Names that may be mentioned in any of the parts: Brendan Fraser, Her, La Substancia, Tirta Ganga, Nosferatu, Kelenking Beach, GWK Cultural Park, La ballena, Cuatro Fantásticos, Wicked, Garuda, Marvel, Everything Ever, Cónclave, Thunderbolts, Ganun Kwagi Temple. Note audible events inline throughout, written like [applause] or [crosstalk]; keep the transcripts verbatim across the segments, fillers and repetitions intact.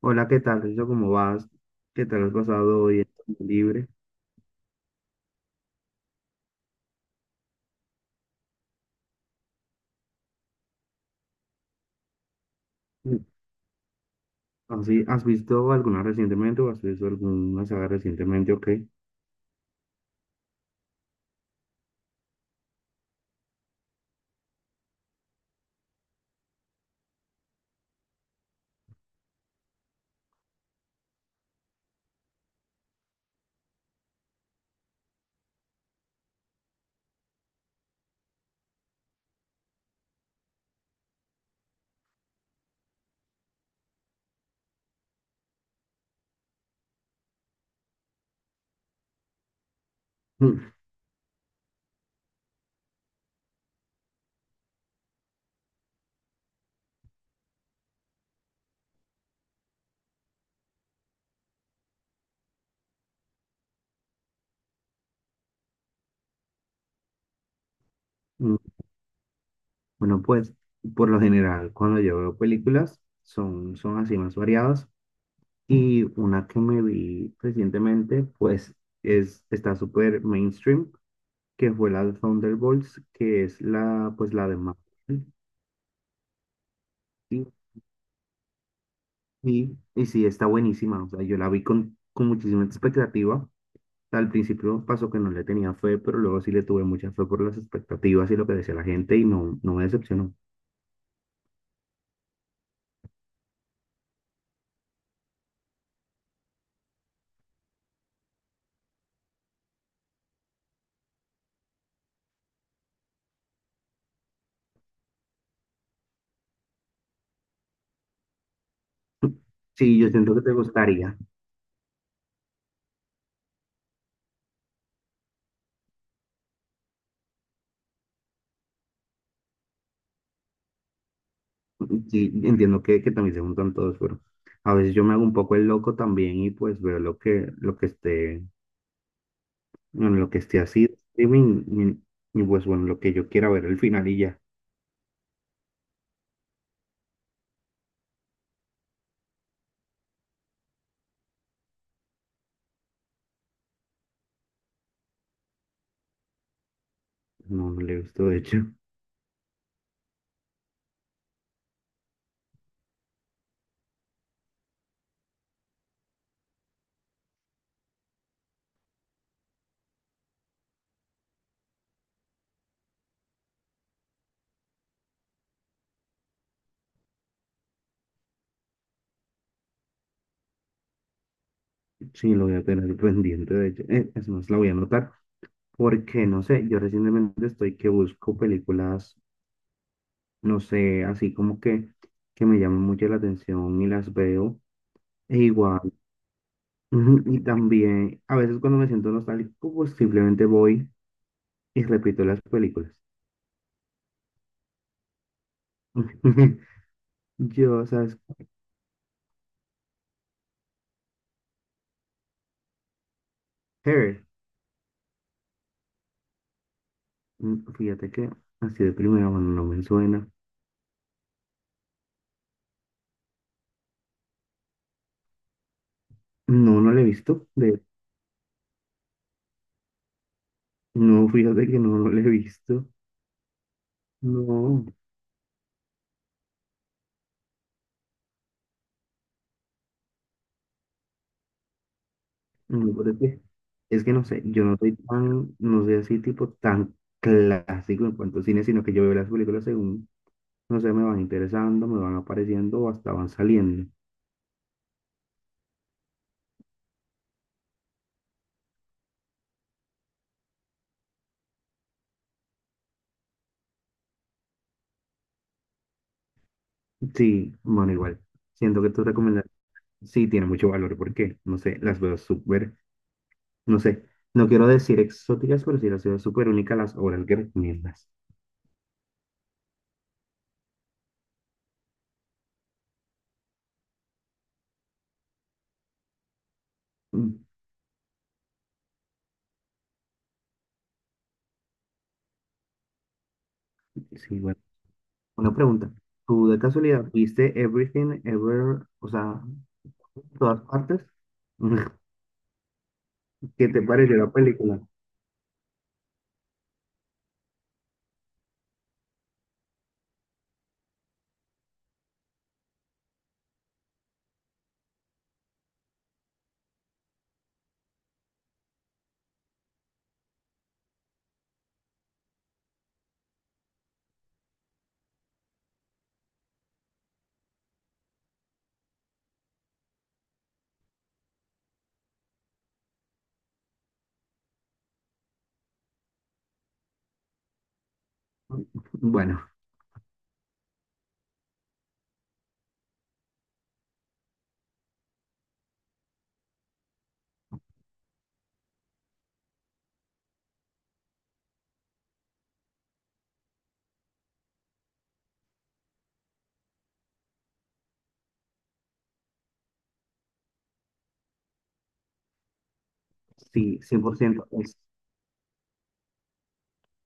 Hola, ¿qué tal, Rizo? ¿Cómo vas? ¿Qué tal has pasado hoy en tu libre? Mm. ¿Así, has visto alguna recientemente o has visto alguna saga recientemente o qué? Mm, mm. Bueno, pues, por lo general, cuando yo veo películas, son, son así más variadas. Y una que me vi recientemente, pues, es, está súper mainstream, que fue la de Thunderbolts, que es la, pues, la de Marvel. Y, y, y sí, está buenísima. O sea, yo la vi con, con muchísima expectativa. Al principio un paso que no le tenía fe, pero luego sí le tuve mucha fe por las expectativas y lo que decía la gente y no, no me decepcionó. Sí, yo siento que te gustaría. Sí, entiendo que, que también se juntan todos, pero a veces yo me hago un poco el loco también y pues veo lo que, lo que esté, bueno, lo que esté así, de streaming, y, y pues bueno, lo que yo quiera ver el final y ya. No, no lo he visto, de hecho. [laughs] Sí, lo voy a tener pendiente, de hecho. Eh, es más, la voy a anotar. Porque, no sé, yo recientemente estoy que busco películas, no sé, así como que, que me llaman mucho la atención y las veo. E igual, [laughs] ujú, y también, a veces cuando me siento nostálgico, pues simplemente voy y repito las películas. [laughs] Yo, ¿sabes? Her, mm, fíjate que así de primera mano no me suena. No, no la he visto. De, no, fíjate que no, no la he visto. No, no, pero es que, es que no sé, yo no soy tan, no soy así tipo tan clásico en cuanto a cine, sino que yo veo las películas según, no sé, me van interesando, me van apareciendo o hasta van saliendo. Sí, bueno, igual. Siento que tus recomendaciones sí tienen mucho valor porque, no sé, las veo súper, no sé, no quiero decir exóticas, pero sí las veo súper únicas las obras que recomiendas. Mm, Sí, bueno. Una pregunta. ¿Tú de casualidad viste Everything Ever, o sea, todas partes? [laughs] ¿Qué te pareció la película? Bueno, sí, cien por ciento. Es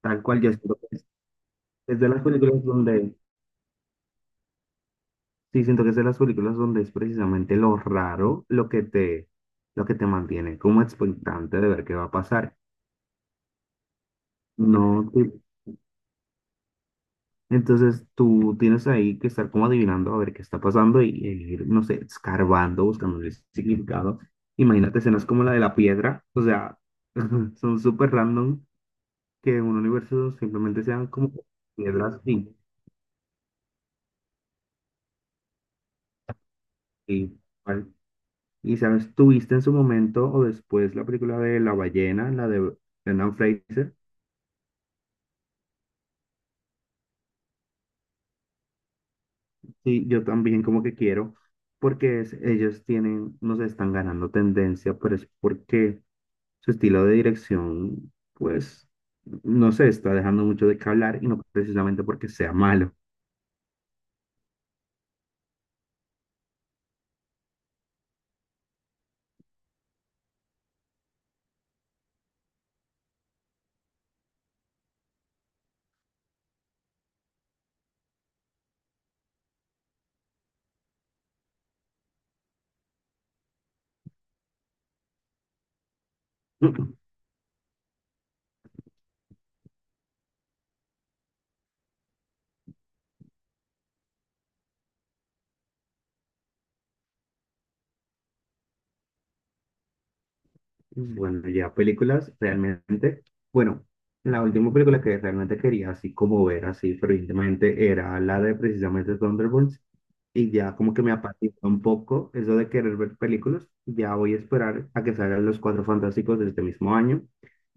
tal cual yo siento que es. Es de las películas donde, sí, siento que es de las películas donde es precisamente lo raro lo que te, lo que te mantiene como expectante de ver qué va a pasar. No, te- entonces tú tienes ahí que estar como adivinando a ver qué está pasando y, y ir, no sé, escarbando, buscando el significado. Imagínate escenas como la de la piedra, o sea, [laughs] son súper random que en un universo simplemente sean como piedras y, y, y sabes, tuviste en su momento o después la película de La ballena, la de... Brendan Fraser. Sí, yo también como que quiero, porque es- ellos tienen, no sé, están ganando tendencia, pero es porque su estilo de dirección, pues, no sé, está dejando mucho de qué hablar y no precisamente porque sea malo. [clears throat] [laughs] Bueno, ya películas realmente, bueno, la última película que realmente quería así como ver así fervientemente era la de precisamente Thunderbolts, y ya como que me apatizó un poco eso de querer ver películas. Ya voy a esperar a que salgan los Cuatro Fantásticos de este mismo año.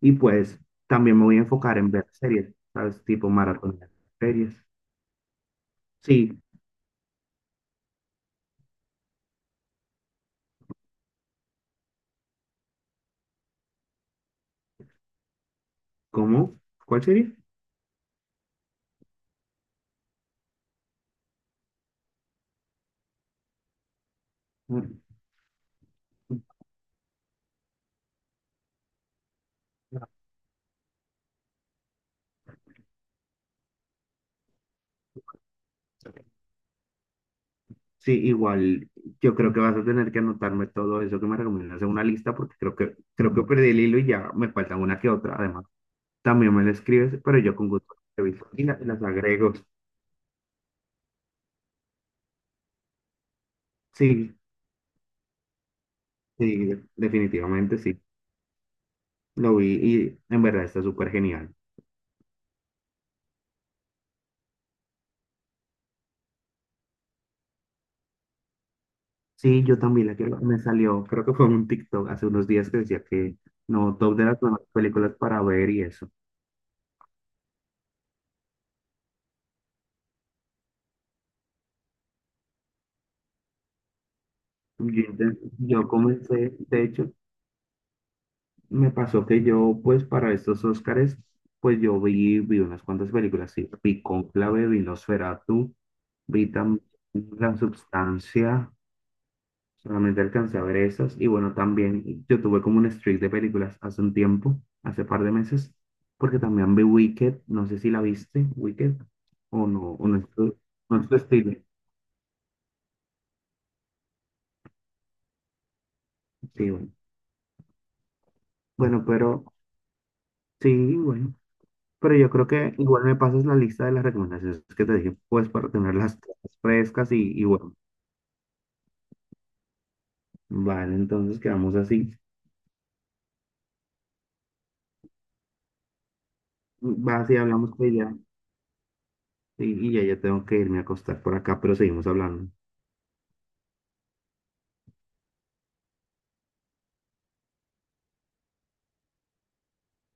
Y pues también me voy a enfocar en ver series, ¿sabes? Tipo maratón de series. Sí, ¿cómo? ¿Cuál serie? Mm. Sí, igual yo creo que vas a tener que anotarme todo eso que me recomiendas en una lista porque creo que, creo que perdí el hilo y ya me faltan una que otra. Además, también me la escribes, pero yo con gusto las reviso y la- las agrego. Sí, sí, de- definitivamente sí. Lo vi y en verdad está súper genial. Sí, yo también la quiero. Me salió, creo que fue en un TikTok hace unos días que decía que, no, top de las mejores películas para ver y eso. Yo, inten- yo comencé, de hecho, me pasó que yo, pues para estos Óscares, pues yo vi, vi unas cuantas películas, sí. Vi Cónclave, vi Nosferatu, vi también La Substancia. Solamente alcancé a ver esas. Y bueno, también yo tuve como un streak de películas hace un tiempo, hace par de meses, porque también vi Wicked. No sé si la viste, Wicked, o no, o no es tu, no es tu estilo. Sí, bueno. Bueno, pero sí, bueno. Pero yo creo que igual me pasas la lista de las recomendaciones que te dije, pues para tenerlas todas frescas y, y bueno. Vale, entonces quedamos así. Vas y hablamos que ya. Y, y ya, ya tengo que irme a acostar por acá, pero seguimos hablando.